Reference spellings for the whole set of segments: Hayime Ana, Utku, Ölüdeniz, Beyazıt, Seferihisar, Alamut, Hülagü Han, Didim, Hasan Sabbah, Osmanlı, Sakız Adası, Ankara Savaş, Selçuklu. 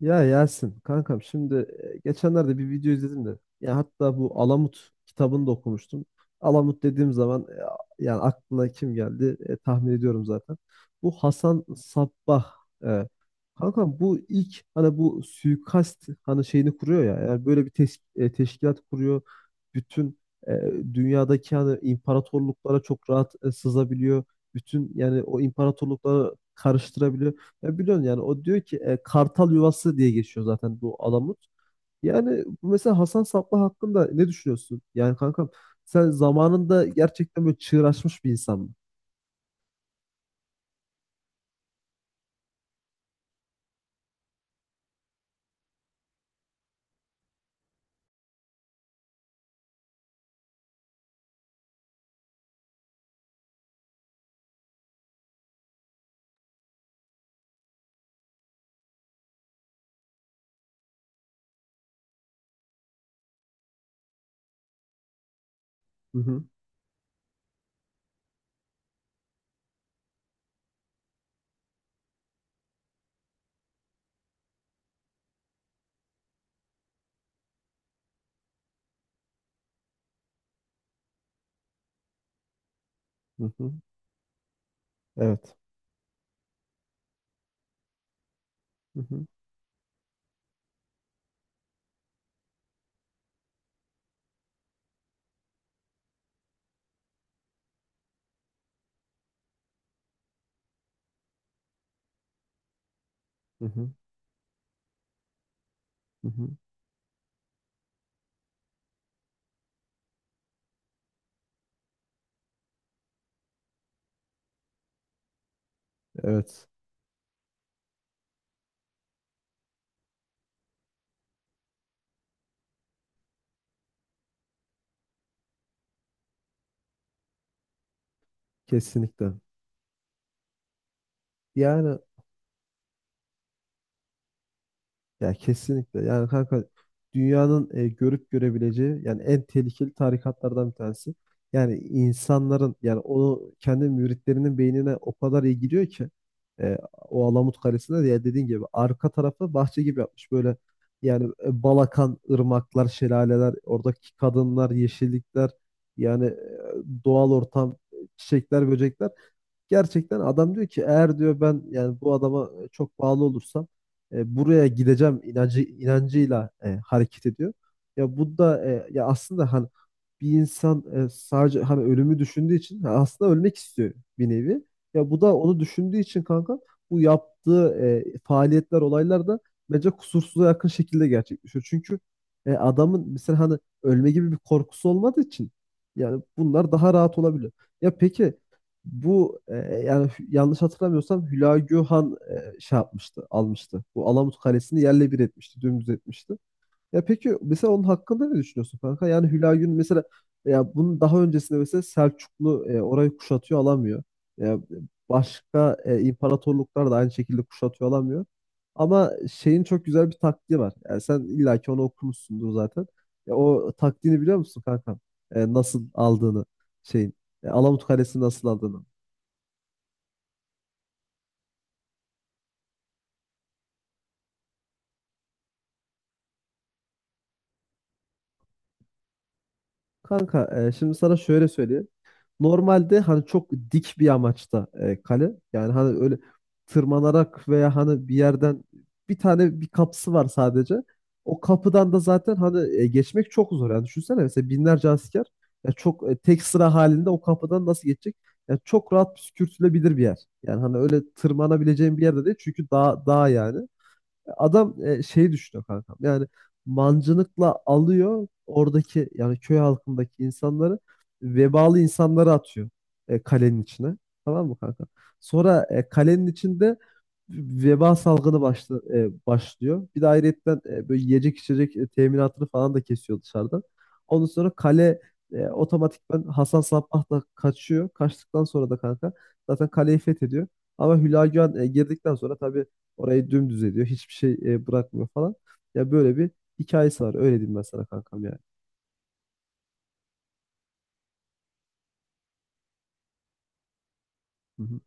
Ya Yasin kankam şimdi geçenlerde bir video izledim de ya hatta bu Alamut kitabını da okumuştum. Alamut dediğim zaman yani aklına kim geldi tahmin ediyorum zaten. Bu Hasan Sabbah. E, kankam bu ilk hani bu suikast hani şeyini kuruyor ya. Yani böyle bir teşkilat kuruyor. Bütün e, dünyadaki hani imparatorluklara çok rahat sızabiliyor. Bütün yani o imparatorlukları karıştırabiliyor. Ya biliyorsun yani o diyor ki kartal yuvası diye geçiyor zaten bu Alamut. Yani bu mesela Hasan Sabbah hakkında ne düşünüyorsun? Yani kankam sen zamanında gerçekten böyle çığır açmış bir insan mı? Hı hı, hı hı. Evet. Hı hı, hı hı, hı hı. Evet. Kesinlikle. Yani ya kesinlikle. Yani kanka dünyanın görüp görebileceği yani en tehlikeli tarikatlardan bir tanesi. Yani insanların yani onu kendi müritlerinin beynine o kadar iyi gidiyor ki o Alamut Kalesi'nde de ya dediğin gibi arka tarafı bahçe gibi yapmış. Böyle yani bal akan ırmaklar, şelaleler, oradaki kadınlar, yeşillikler yani doğal ortam, çiçekler, böcekler. Gerçekten adam diyor ki eğer diyor ben yani bu adama çok bağlı olursam buraya gideceğim inancıyla hareket ediyor. Ya bu da ya aslında hani bir insan sadece hani ölümü düşündüğü için ha, aslında ölmek istiyor bir nevi. Ya bu da onu düşündüğü için kanka bu yaptığı faaliyetler olaylar da bence kusursuza yakın şekilde gerçekleşiyor. Çünkü adamın mesela hani ölme gibi bir korkusu olmadığı için yani bunlar daha rahat olabiliyor. Ya peki bu yani yanlış hatırlamıyorsam Hülagü Han şey yapmıştı, almıştı. Bu Alamut Kalesi'ni yerle bir etmişti, dümdüz etmişti. Ya peki mesela onun hakkında ne düşünüyorsun kanka? Yani Hülagü'nün mesela ya bunun daha öncesinde mesela Selçuklu orayı kuşatıyor alamıyor. Ya başka imparatorluklar da aynı şekilde kuşatıyor alamıyor. Ama şeyin çok güzel bir taktiği var. Yani sen illaki onu okumuşsundur zaten. Ya o taktiğini biliyor musun kanka? Nasıl aldığını şeyin. Alamut Kalesi'ni nasıl aldığını. Kanka şimdi sana şöyle söyleyeyim. Normalde hani çok dik bir amaçta kale. Yani hani öyle tırmanarak veya hani bir yerden bir tane bir kapısı var sadece. O kapıdan da zaten hani geçmek çok zor. Yani düşünsene mesela binlerce asker ya çok tek sıra halinde o kapıdan nasıl geçecek? Ya çok rahat püskürtülebilir bir yer. Yani hani öyle tırmanabileceğin bir yerde değil çünkü dağ, dağ yani. Adam şeyi düşünüyor kankam. Yani mancınıkla alıyor oradaki yani köy halkındaki insanları, vebalı insanları atıyor kalenin içine. Tamam mı kanka? Sonra kalenin içinde veba salgını başlıyor. Bir de ayrıyetten böyle yiyecek içecek teminatını falan da kesiyor dışarıdan. Ondan sonra kale otomatikman Hasan Sabbah da kaçıyor. Kaçtıktan sonra da kanka zaten kaleyi fethediyor. Ama Hülagü Han girdikten sonra tabii orayı dümdüz ediyor. Hiçbir şey bırakmıyor falan. Ya böyle bir hikayesi var. Öyle diyeyim ben sana kankam yani. Hı hı.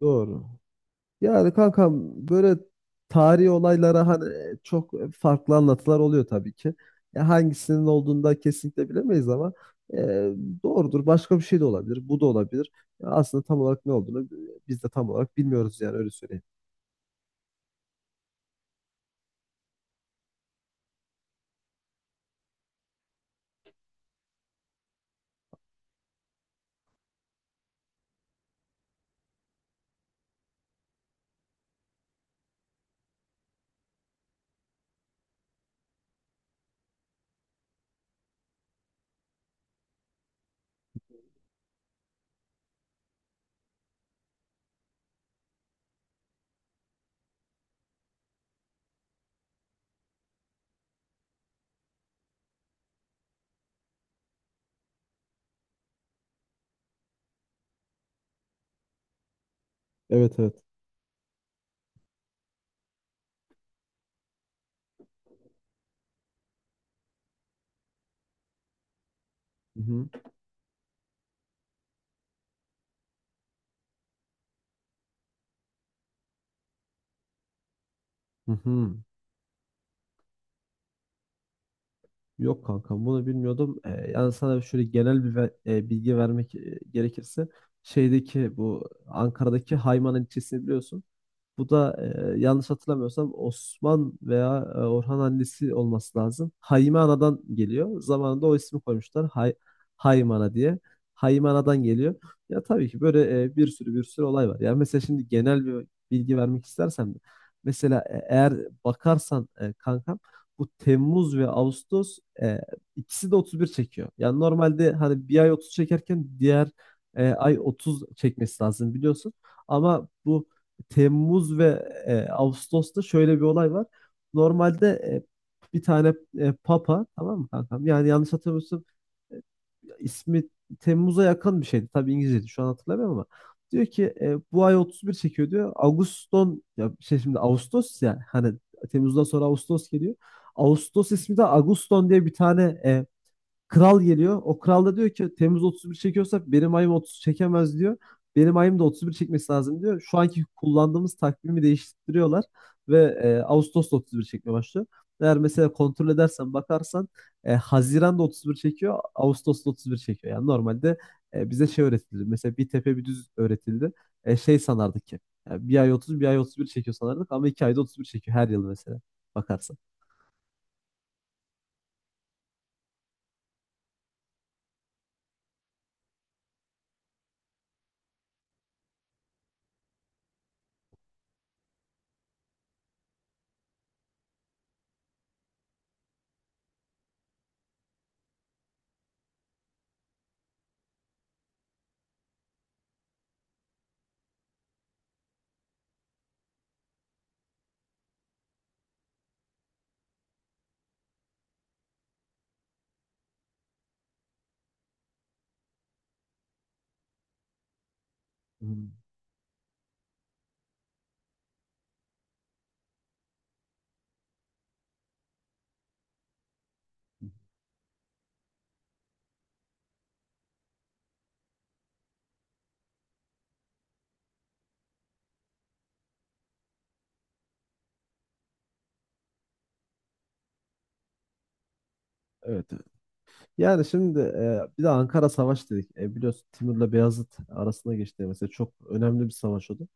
Doğru. Yani kankam böyle tarihi olaylara hani çok farklı anlatılar oluyor tabii ki. Ya hangisinin olduğunu da kesinlikle bilemeyiz ama e, doğrudur. Başka bir şey de olabilir. Bu da olabilir. Ya aslında tam olarak ne olduğunu biz de tam olarak bilmiyoruz yani öyle söyleyeyim. Evet, evet. Hı hı. Hı hı. Yok kankam bunu bilmiyordum. Yani sana şöyle genel bir bilgi vermek gerekirse şeydeki bu Ankara'daki Hayman ilçesini biliyorsun. Bu da yanlış hatırlamıyorsam Osman veya Orhan annesi olması lazım. Hayime Ana'dan geliyor. Zamanında o ismi koymuşlar. Hayime Ana diye. Hayime Ana'dan geliyor. Ya tabii ki böyle bir sürü olay var. Yani mesela şimdi genel bir bilgi vermek istersem de. Mesela eğer bakarsan kankam bu Temmuz ve Ağustos ikisi de 31 çekiyor. Yani normalde hani bir ay 30 çekerken diğer ay 30 çekmesi lazım biliyorsun. Ama bu Temmuz ve Ağustos'ta şöyle bir olay var. Normalde bir tane papa, tamam mı kankam? Yani yanlış hatırlamıyorsun, ismi Temmuz'a yakın bir şeydi. Tabii İngilizceydi, şu an hatırlamıyorum ama. Diyor ki bu ay 31 çekiyor diyor. Ağuston ya şey şimdi Ağustos ya hani Temmuz'dan sonra Ağustos geliyor. Ağustos ismi de Ağuston diye bir tane kral geliyor. O kral da diyor ki Temmuz 31 çekiyorsa benim ayım 30 çekemez diyor. Benim ayım da 31 çekmesi lazım diyor. Şu anki kullandığımız takvimi değiştiriyorlar ve Ağustos'ta 31 çekmeye başlıyor. Eğer mesela kontrol edersen bakarsan Haziran'da 31 çekiyor, Ağustos'ta 31 çekiyor. Yani normalde bize şey öğretildi. Mesela bir tepe bir düz öğretildi. Şey sanardık ki yani bir ay 30 bir ay 31 çekiyor sanardık ama iki ayda 31 çekiyor her yıl mesela bakarsan. Hmm. Evet. Yani şimdi bir de Ankara Savaş dedik. E, biliyorsun Timur'la Beyazıt arasında geçti. Mesela çok önemli bir savaş oldu.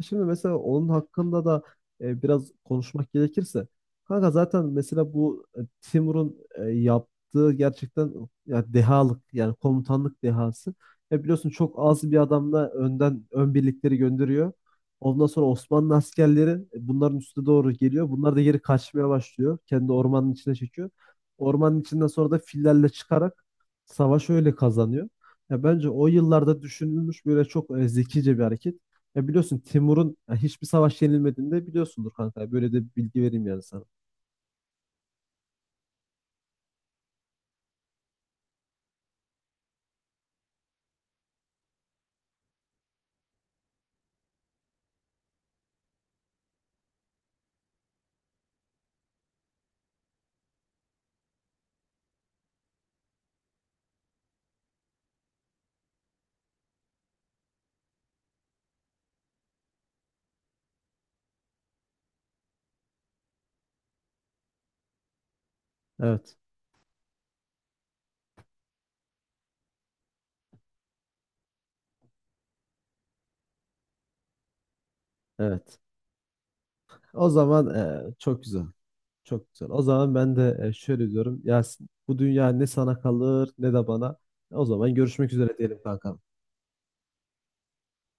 Şimdi mesela onun hakkında da biraz konuşmak gerekirse. Kanka zaten mesela bu Timur'un yaptığı gerçekten ya dehalık yani komutanlık dehası. E, biliyorsun çok az bir adamla önden ön birlikleri gönderiyor. Ondan sonra Osmanlı askerleri bunların üstüne doğru geliyor. Bunlar da geri kaçmaya başlıyor. Kendi ormanın içine çekiyor. Ormanın içinden sonra da fillerle çıkarak savaş öyle kazanıyor. Ya bence o yıllarda düşünülmüş böyle çok zekice bir hareket. Ya biliyorsun Timur'un ya hiçbir savaş yenilmediğini de biliyorsundur kanka. Böyle de bir bilgi vereyim yani sana. Evet, evet. O zaman çok güzel. Çok güzel. O zaman ben de şöyle diyorum. Yasin, bu dünya ne sana kalır ne de bana. O zaman görüşmek üzere diyelim kanka.